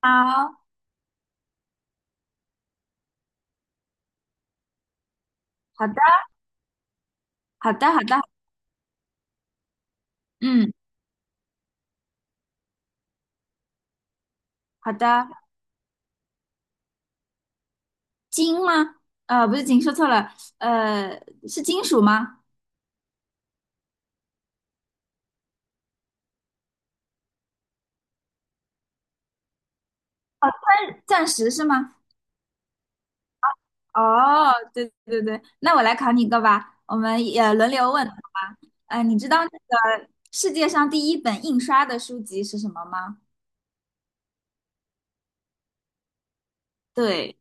好，好的，好的，好的，嗯，好的。金吗？不是金，说错了，是金属吗？钻石是吗？哦，对对对，那我来考你一个吧，我们也轮流问，好吗？你知道那个世界上第一本印刷的书籍是什么吗？对，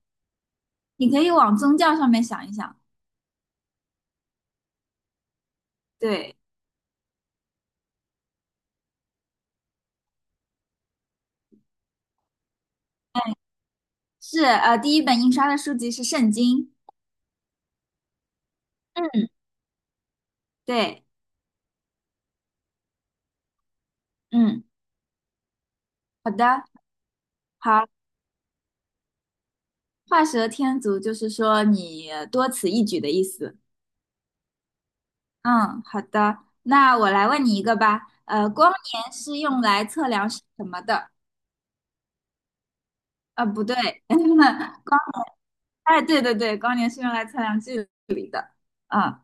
你可以往宗教上面想一想。对，是第一本印刷的书籍是圣经。嗯，对，嗯，好的。好。画蛇添足就是说你多此一举的意思。嗯，好的，那我来问你一个吧。光年是用来测量什么的？啊，不对，光，哎，对对对，光年是用来测量距离的。啊，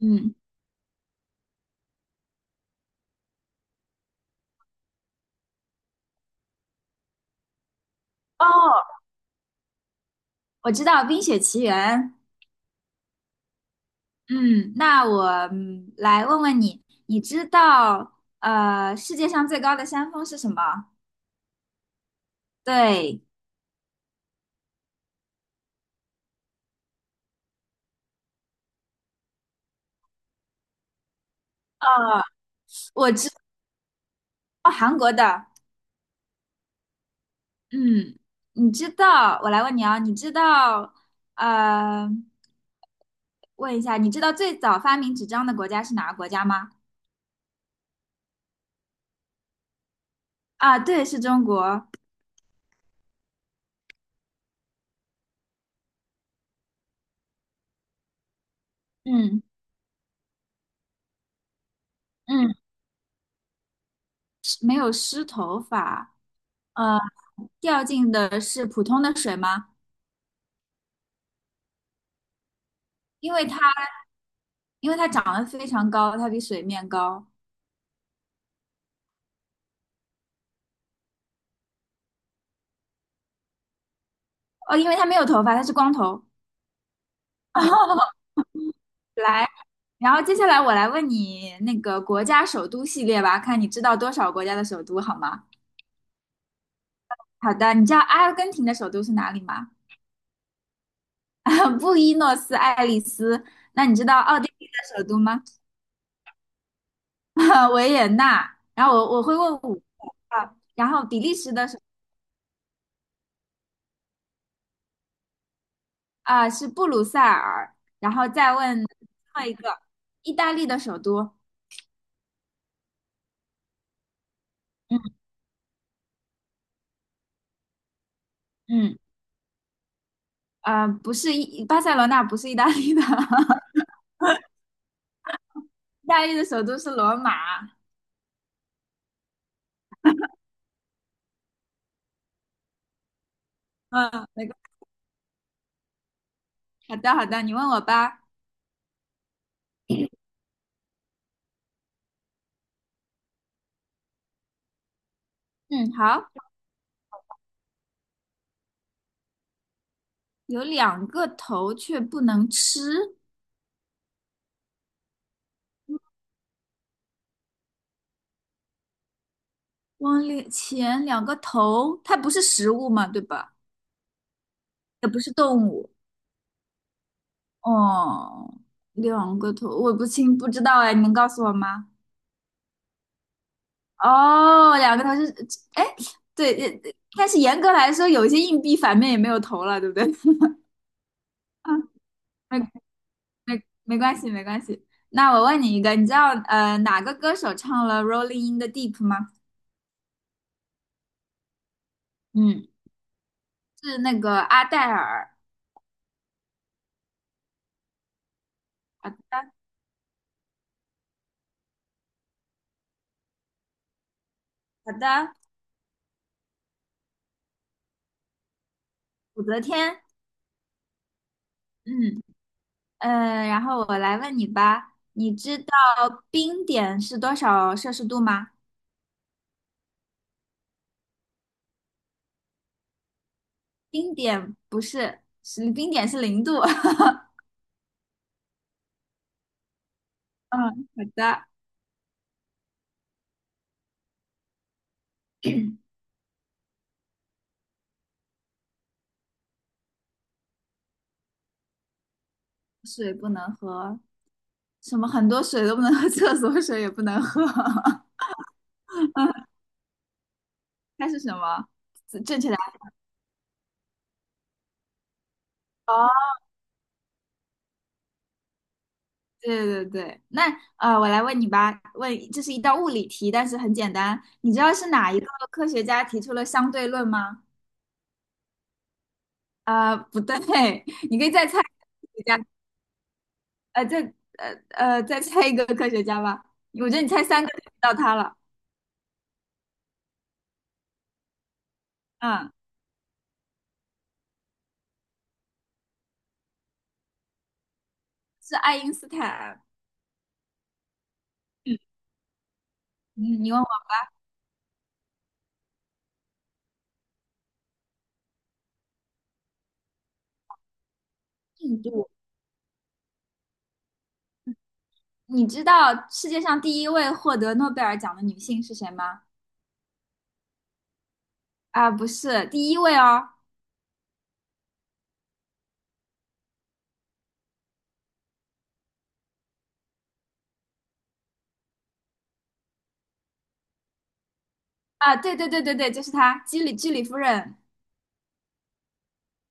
嗯，哦，我知道《冰雪奇缘》。嗯，那我来问问你，你知道世界上最高的山峰是什么？对，呃，我知道韩国的。嗯，你知道，我来问你啊，你知道，呃，问一下，你知道最早发明纸张的国家是哪个国家吗？啊，对，是中国。嗯嗯，是没有湿头发，呃，掉进的是普通的水吗？因为它因为它长得非常高，它比水面高。哦，因为它没有头发，它是光头。哦来，然后接下来我来问你那个国家首都系列吧，看你知道多少国家的首都好吗？好的，你知道阿根廷的首都是哪里吗？布宜诺斯艾利斯。那你知道奥地利的首都吗？维也纳。然后我会问5个啊，然后比利时的首是布鲁塞尔，然后再问最后一个意大利的首都，嗯嗯，啊，不是意巴塞罗那，不是意大利的，意大利的首都是罗马。嗯，没关系好的好的，你问我吧。嗯，好，有两个头却不能吃，往里前两个头，它不是食物嘛，对吧？也不是动物。哦，两个头，我不知道哎，你能告诉我吗？哦，两个头是，哎，对，但是严格来说，有一些硬币反面也没有头了，对不对？啊，没没关系，没关系。那我问你一个，你知道哪个歌手唱了《Rolling in the Deep》吗？嗯，是那个阿黛尔。好的，好的，武则天。嗯。然后我来问你吧，你知道冰点是多少摄氏度吗？冰点不是，是冰点是零度。嗯，好的。水不能喝，什么很多水都不能喝，厕所水也不能喝。它是什么？正确答案。哦，对对对。那我来问你吧，问这是一道物理题，但是很简单。你知道是哪一个科学家提出了相对论吗？不对，你可以再猜一下。呃，再再猜一个科学家吧。我觉得你猜3个就知道他了。嗯，是爱因斯坦。嗯，嗯你问我印度，你知道世界上第一位获得诺贝尔奖的女性是谁吗？啊，不是第一位哦。啊，对对对对对，就是她，居里夫人。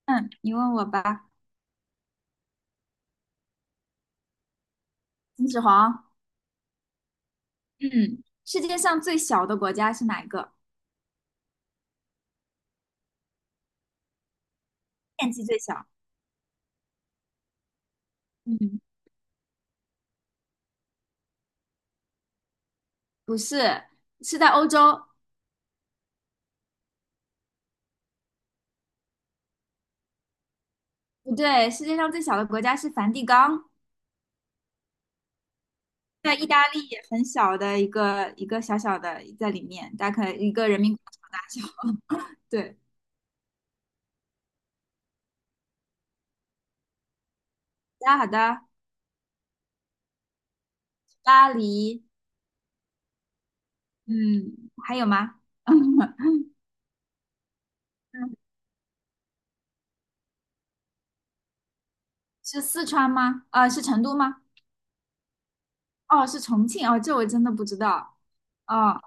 嗯，你问我吧，秦始皇。嗯，世界上最小的国家是哪一个？面积最小。嗯，不是，是在欧洲。不对，世界上最小的国家是梵蒂冈。在意大利也很小的一个一个小小的在里面，大概一个人民广场大小。对，好的好的，巴黎，嗯，还有吗？嗯。是四川吗？啊，是成都吗？哦，是重庆哦，这我真的不知道。哦，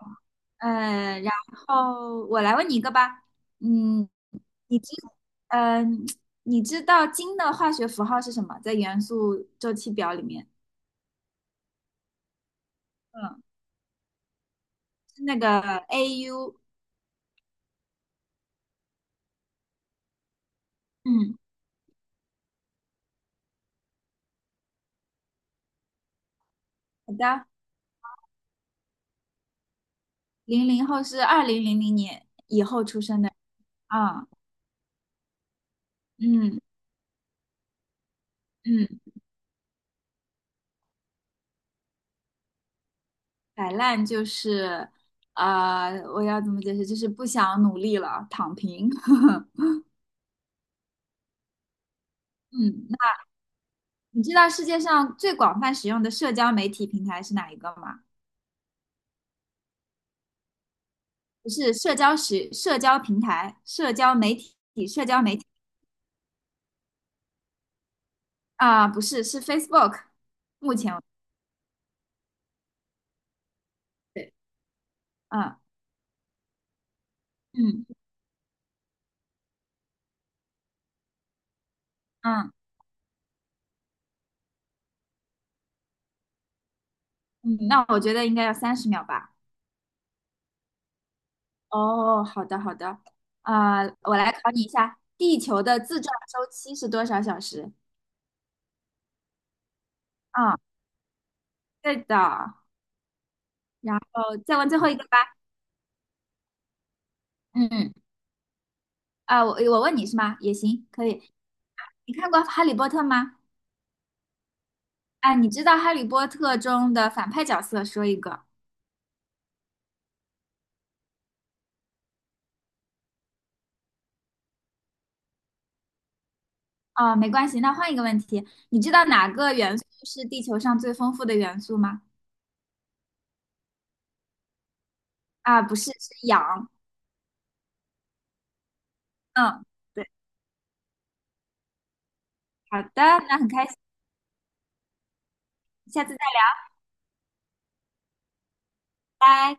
然后我来问你一个吧，嗯，你知，嗯、你知道金的化学符号是什么？在元素周期表里面，嗯，是那个 Au。嗯，好的，00后是2000年以后出生的啊，嗯嗯，摆烂就是，啊，我要怎么解释？就是不想努力了，躺平。嗯，那你知道世界上最广泛使用的社交媒体平台是哪一个吗？不是社交平台、社交媒体啊，不是，是 Facebook。目前为止，嗯嗯嗯嗯，那我觉得应该要30秒吧。哦，好的好的，啊、我来考你一下，地球的自转周期是多少小时？啊、对的，然后再问最后一个吧。嗯，啊、我问你是吗？也行，可以。你看过《哈利波特》吗？啊，你知道《哈利波特》中的反派角色，说一个。啊，没关系，那换一个问题，你知道哪个元素是地球上最丰富的元素吗？啊，不是，是氧。嗯，对，好的，那很开心，下次再聊，拜。